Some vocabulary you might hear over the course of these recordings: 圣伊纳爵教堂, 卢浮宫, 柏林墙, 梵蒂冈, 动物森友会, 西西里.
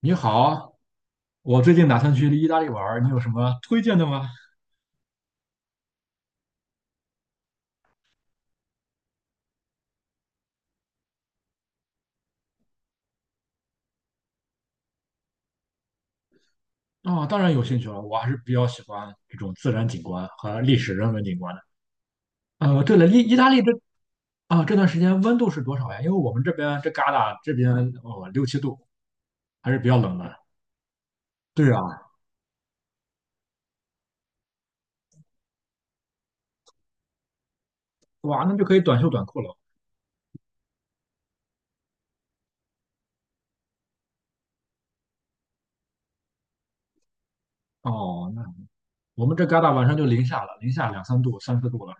你好，我最近打算去意大利玩儿，你有什么推荐的吗？啊，当然有兴趣了，我还是比较喜欢这种自然景观和历史人文景观的。对了，意大利这段时间温度是多少呀？因为我们这边这旮沓这边哦六七度，还是比较冷的。对啊，哇，那就可以短袖短裤了。哦，那我们这旮沓晚上就零下了，零下两三度、三四度了。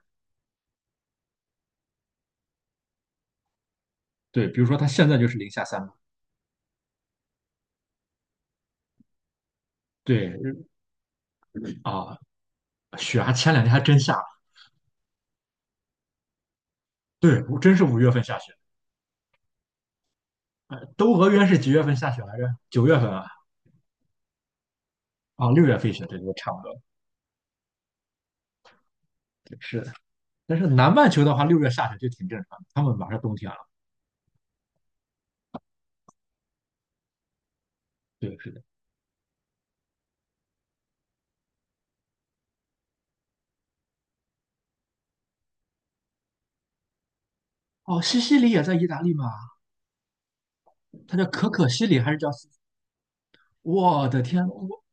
对，比如说它现在就是零下3度。对啊，雪还前两天还真下了，对，我真是5月份下雪。都俄约是几月份下雪来着？9月份啊，啊，6月份雪，对对，差不多，对是的。但是南半球的话，六月下雪就挺正常的，他们马上冬天了。对，是的。哦，西西里也在意大利吗？它叫可可西里还是叫西？我的天，我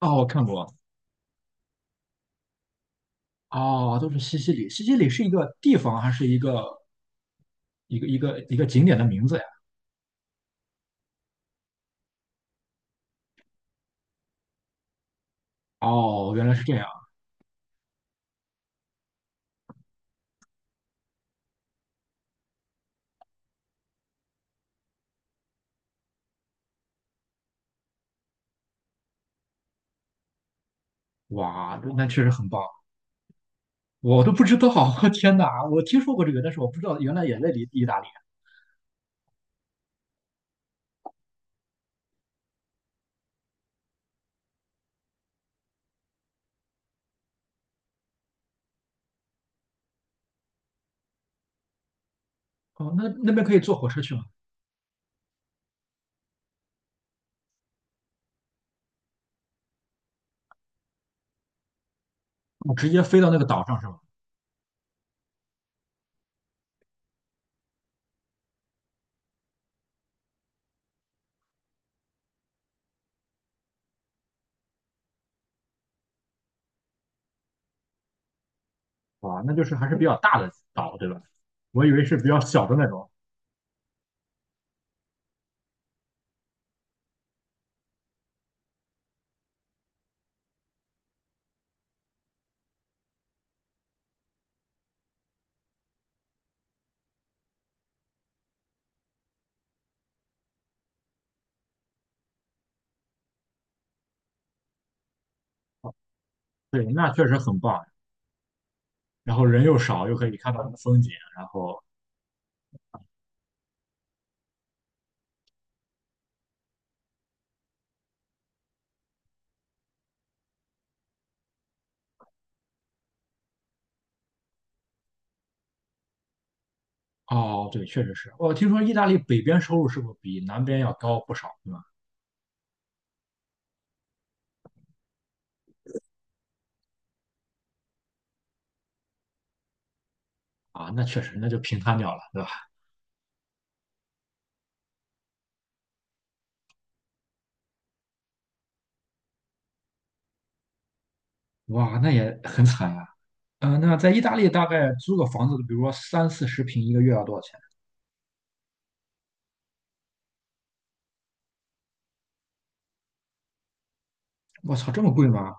哦，我看过，哦，都是西西里。西西里是一个地方还是一个景点的名字呀？哦，原来是这样，哇，那确实很棒，我都不知道。天哪，我听说过这个，但是我不知道原来也在意大利。哦，那那边可以坐火车去吗？哦，直接飞到那个岛上是吧？哇，那就是还是比较大的岛，对吧？我以为是比较小的那种。对，那确实很棒。然后人又少，又可以看到风景。然后，哦，对，确实是。我听说意大利北边收入是不是比南边要高不少，对吧？啊，那确实，那就平摊掉了，对吧？哇，那也很惨呀，那在意大利大概租个房子，比如说三四十平，一个月要多少钱？我操，这么贵吗？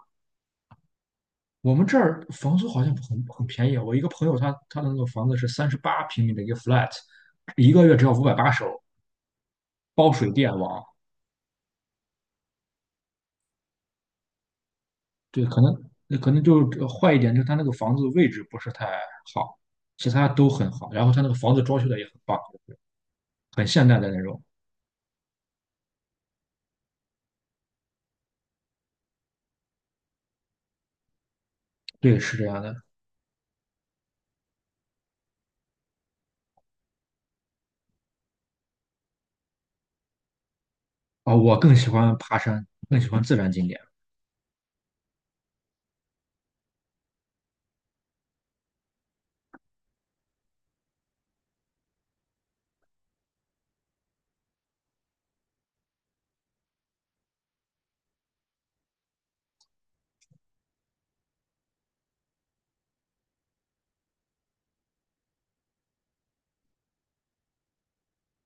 我们这儿房租好像很便宜啊，我一个朋友他的那个房子是38平米的一个 flat，一个月只要580欧，包水电网。对，可能那可能就坏一点，就是他那个房子位置不是太好，其他都很好。然后他那个房子装修的也很棒，很现代的那种。对，是这样的。啊，我更喜欢爬山，更喜欢自然景点。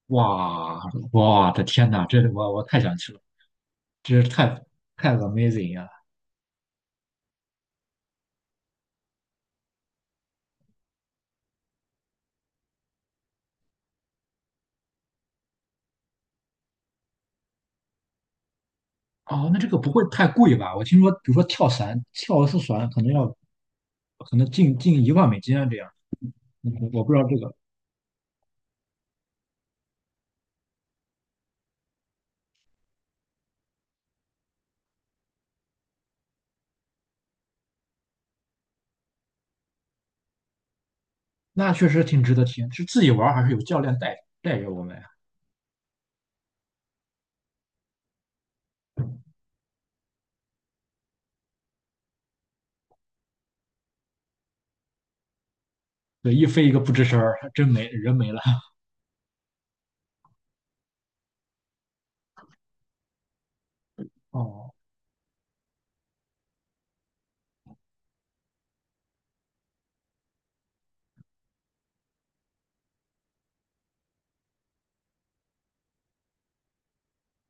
哇，我的天呐，这我太想去了，这是太 amazing 呀。哦，那这个不会太贵吧？我听说，比如说跳伞，跳一次伞可能要可能近1万美金啊，这样。我不知道这个，那确实挺值得听。是自己玩儿还是有教练带着我们呀？对，一飞一个不吱声儿，还真没人没了。哦，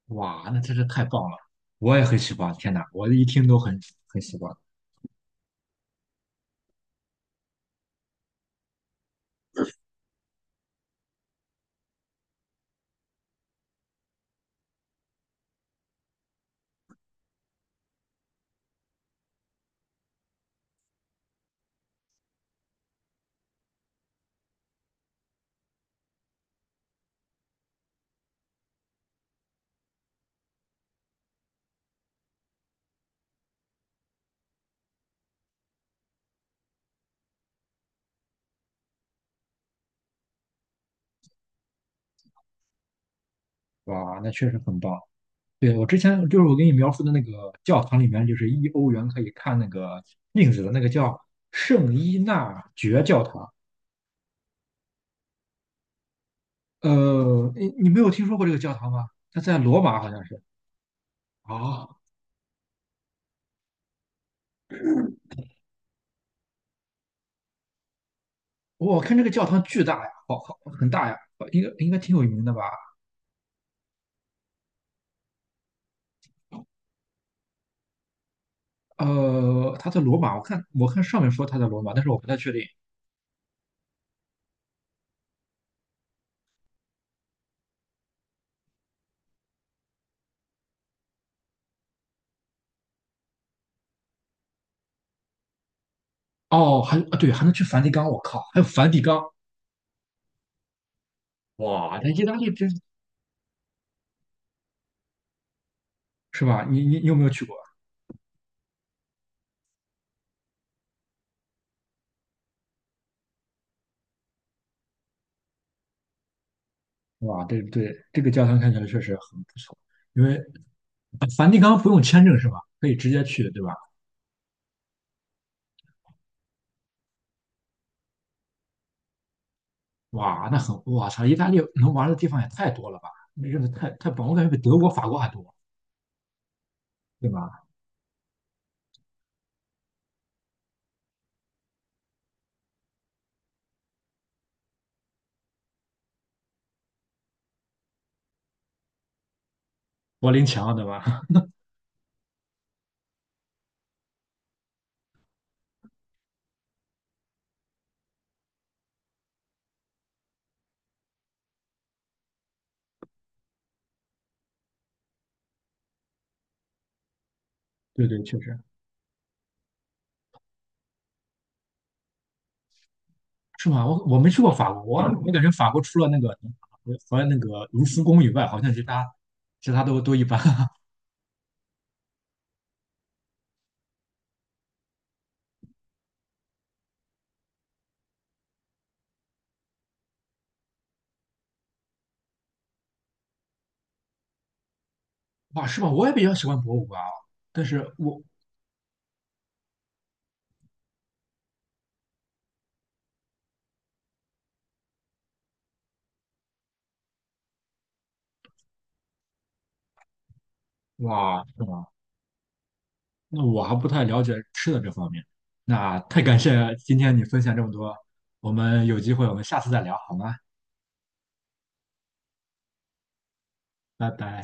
哇，那真是太棒了！我也很喜欢，天哪，我一听都很喜欢。哇，那确实很棒。对，我之前就是我给你描述的那个教堂里面，就是1欧元可以看那个镜子的那个叫圣伊纳爵教堂，你没有听说过这个教堂吗？它在罗马好像是啊。我看这个教堂巨大呀，好很大呀，应该挺有名的吧？它在罗马，我看上面说它在罗马，但是我不太确定。哦，还对，还能去梵蒂冈，我靠，还有梵蒂冈，哇，那意大利真是吧？你有没有去过？哇，对对，这个教堂看起来确实很不错，因为梵蒂冈不用签证是吧？可以直接去，对吧？哇，那很，我操，意大利能玩的地方也太多了吧？真的太棒，我感觉比德国、法国还多，对吧？柏林墙，对吧？对对，确实是吗？我没去过法国，我感觉法国除了那个和那个卢浮宫以外，好像其他都一般。哇，是吧？我也比较喜欢博物馆啊，但是我哇，是吗？那我还不太了解吃的这方面。那太感谢今天你分享这么多，我们有机会我们下次再聊好吗？拜拜。